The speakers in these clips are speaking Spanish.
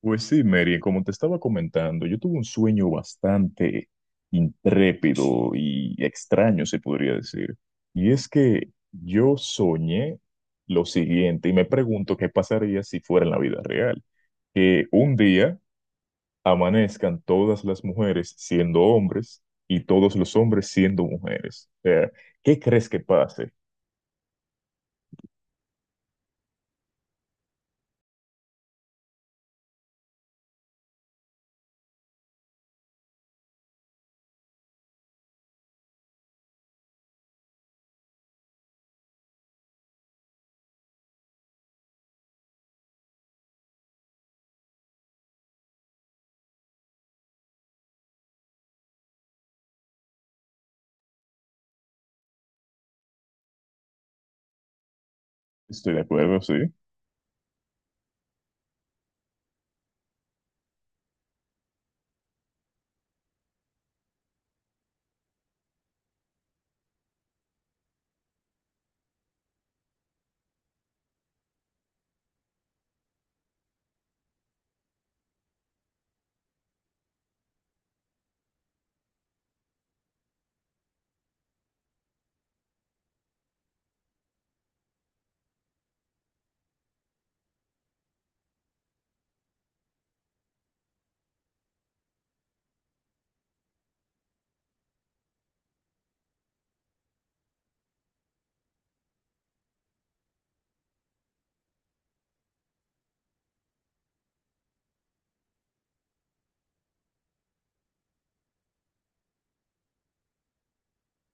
Pues sí, Mary, como te estaba comentando, yo tuve un sueño bastante intrépido y extraño, se podría decir. Y es que yo soñé lo siguiente y me pregunto qué pasaría si fuera en la vida real. Que un día amanezcan todas las mujeres siendo hombres y todos los hombres siendo mujeres. O sea, ¿qué crees que pase? Estoy de acuerdo, sí.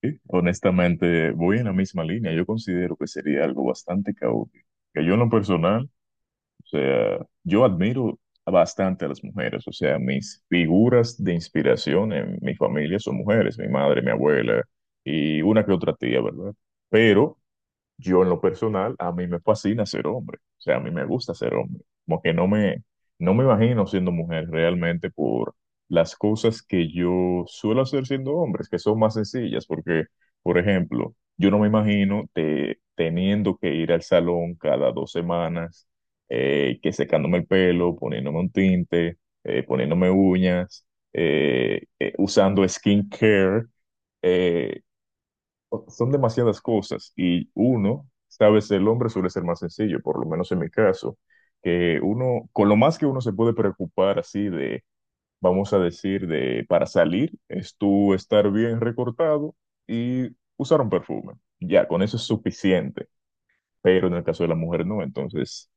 Sí, honestamente, voy en la misma línea. Yo considero que sería algo bastante caótico. Que yo en lo personal, o sea, yo admiro bastante a las mujeres. O sea, mis figuras de inspiración en mi familia son mujeres, mi madre, mi abuela y una que otra tía, ¿verdad? Pero yo en lo personal, a mí me fascina ser hombre, o sea, a mí me gusta ser hombre, como que no me, no me imagino siendo mujer realmente por las cosas que yo suelo hacer siendo hombre, que son más sencillas, porque, por ejemplo, yo no me imagino teniendo que ir al salón cada 2 semanas, que secándome el pelo, poniéndome un tinte, poniéndome uñas, usando skincare eh, Son demasiadas cosas y uno, sabes, el hombre suele ser más sencillo, por lo menos en mi caso, que uno, con lo más que uno se puede preocupar así de, vamos a decir, de para salir, es tú estar bien recortado y usar un perfume. Ya, con eso es suficiente, pero en el caso de la mujer no, entonces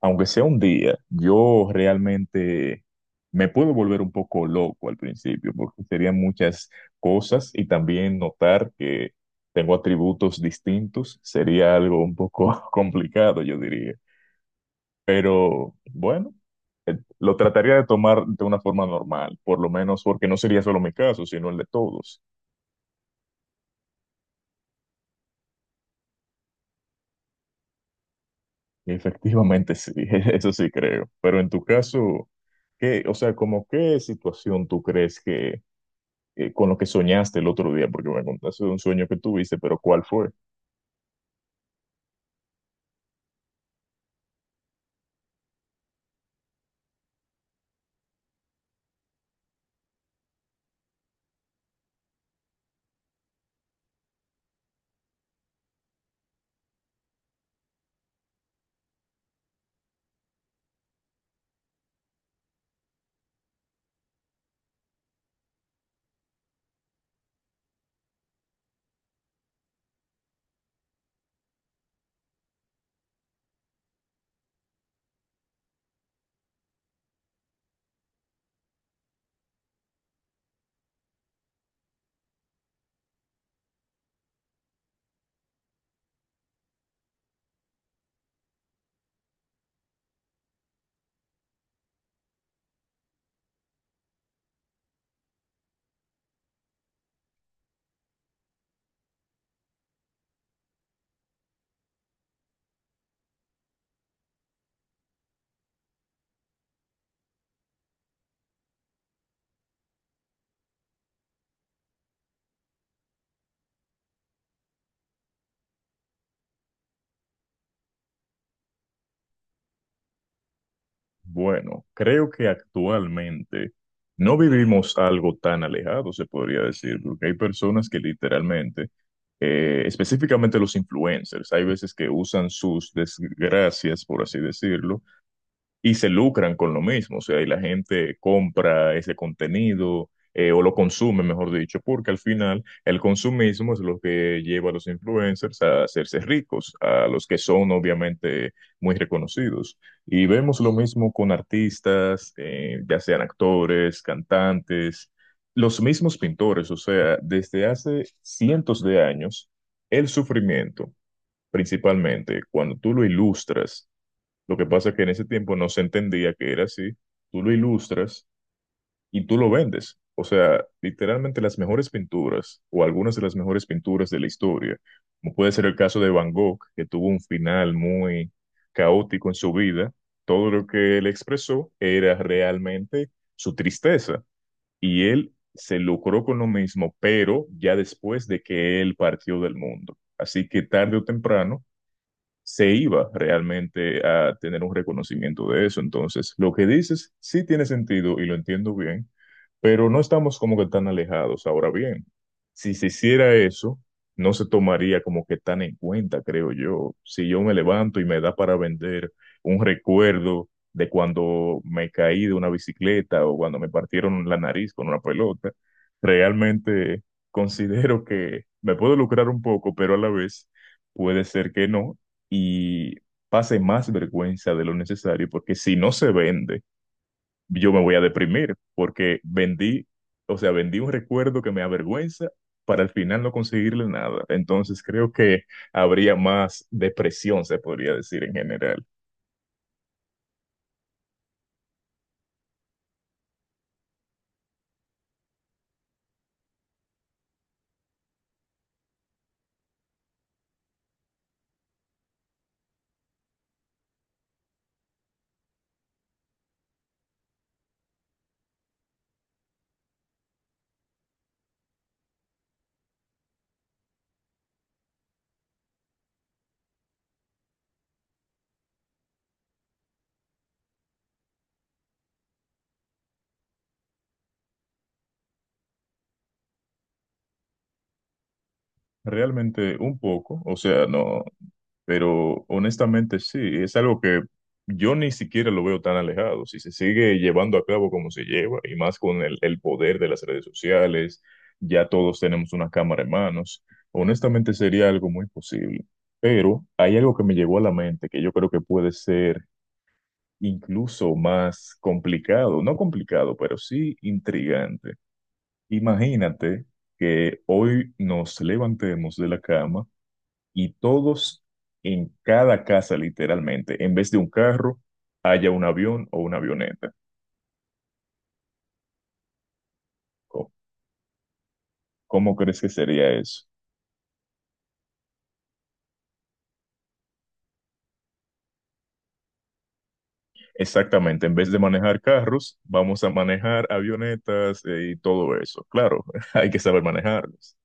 aunque sea un día, yo realmente me puedo volver un poco loco al principio, porque serían muchas cosas y también notar que tengo atributos distintos sería algo un poco complicado, yo diría. Pero bueno, lo trataría de tomar de una forma normal, por lo menos porque no sería solo mi caso, sino el de todos. Y efectivamente sí, eso sí creo. Pero en tu caso, ¿qué, o sea, como qué situación tú crees que con lo que soñaste el otro día, porque me contaste de un sueño que tuviste, pero ¿cuál fue? Bueno, creo que actualmente no vivimos algo tan alejado, se podría decir, porque hay personas que literalmente, específicamente los influencers, hay veces que usan sus desgracias, por así decirlo, y se lucran con lo mismo, o sea, y la gente compra ese contenido, o lo consume, mejor dicho, porque al final el consumismo es lo que lleva a los influencers a hacerse ricos, a los que son obviamente muy reconocidos. Y vemos lo mismo con artistas, ya sean actores, cantantes, los mismos pintores, o sea, desde hace cientos de años, el sufrimiento. Principalmente cuando tú lo ilustras lo que pasa es que en ese tiempo no se entendía que era así. Tú lo ilustras y tú lo vendes. O sea, literalmente las mejores pinturas o algunas de las mejores pinturas de la historia, como puede ser el caso de Van Gogh, que tuvo un final muy caótico en su vida, todo lo que él expresó era realmente su tristeza y él se lucró con lo mismo, pero ya después de que él partió del mundo. Así que tarde o temprano se iba realmente a tener un reconocimiento de eso. Entonces, lo que dices sí tiene sentido y lo entiendo bien, pero no estamos como que tan alejados. Ahora bien, si se hiciera eso, no se tomaría como que tan en cuenta, creo yo. Si yo me levanto y me da para vender un recuerdo de cuando me caí de una bicicleta o cuando me partieron la nariz con una pelota, realmente considero que me puedo lucrar un poco, pero a la vez... Puede ser que no, y pase más vergüenza de lo necesario, porque si no se vende, yo me voy a deprimir, porque vendí, o sea, vendí un recuerdo que me avergüenza para al final no conseguirle nada. Entonces creo que habría más depresión, se podría decir en general. Realmente un poco, o sea, no, pero honestamente sí, es algo que yo ni siquiera lo veo tan alejado. Si se sigue llevando a cabo como se lleva, y más con el poder de las redes sociales, ya todos tenemos una cámara en manos, honestamente sería algo muy posible. Pero hay algo que me llegó a la mente que yo creo que puede ser incluso más complicado, no complicado, pero sí intrigante. Imagínate que hoy nos levantemos de la cama y todos en cada casa, literalmente, en vez de un carro, haya un avión o una avioneta. Co- ¿Cómo crees que sería eso? Exactamente, en vez de manejar carros, vamos a manejar avionetas, y todo eso. Claro, hay que saber manejarlos.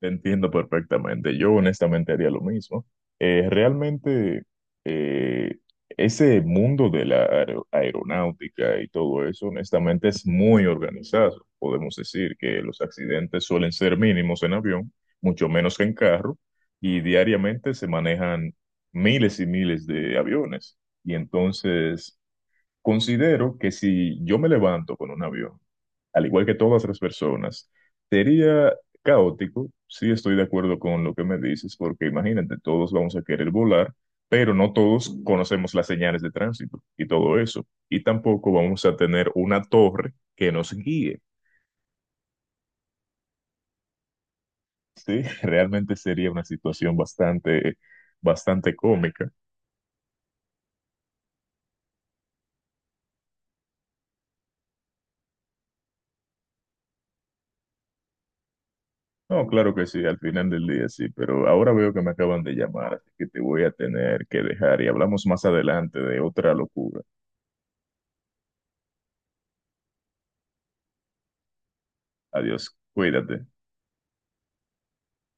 Te entiendo perfectamente. Yo honestamente haría lo mismo. Realmente eh, ese mundo de la aeronáutica y todo eso, honestamente es muy organizado. Podemos decir que los accidentes suelen ser mínimos en avión, mucho menos que en carro, y diariamente se manejan miles y miles de aviones. Y entonces considero que si yo me levanto con un avión, al igual que todas las personas, sería caótico. Sí, estoy de acuerdo con lo que me dices, porque imagínate, todos vamos a querer volar, pero no todos conocemos las señales de tránsito y todo eso. Y tampoco vamos a tener una torre que nos guíe. Sí, realmente sería una situación bastante, bastante cómica. No, claro que sí, al final del día sí, pero ahora veo que me acaban de llamar, así que te voy a tener que dejar y hablamos más adelante de otra locura. Adiós, cuídate.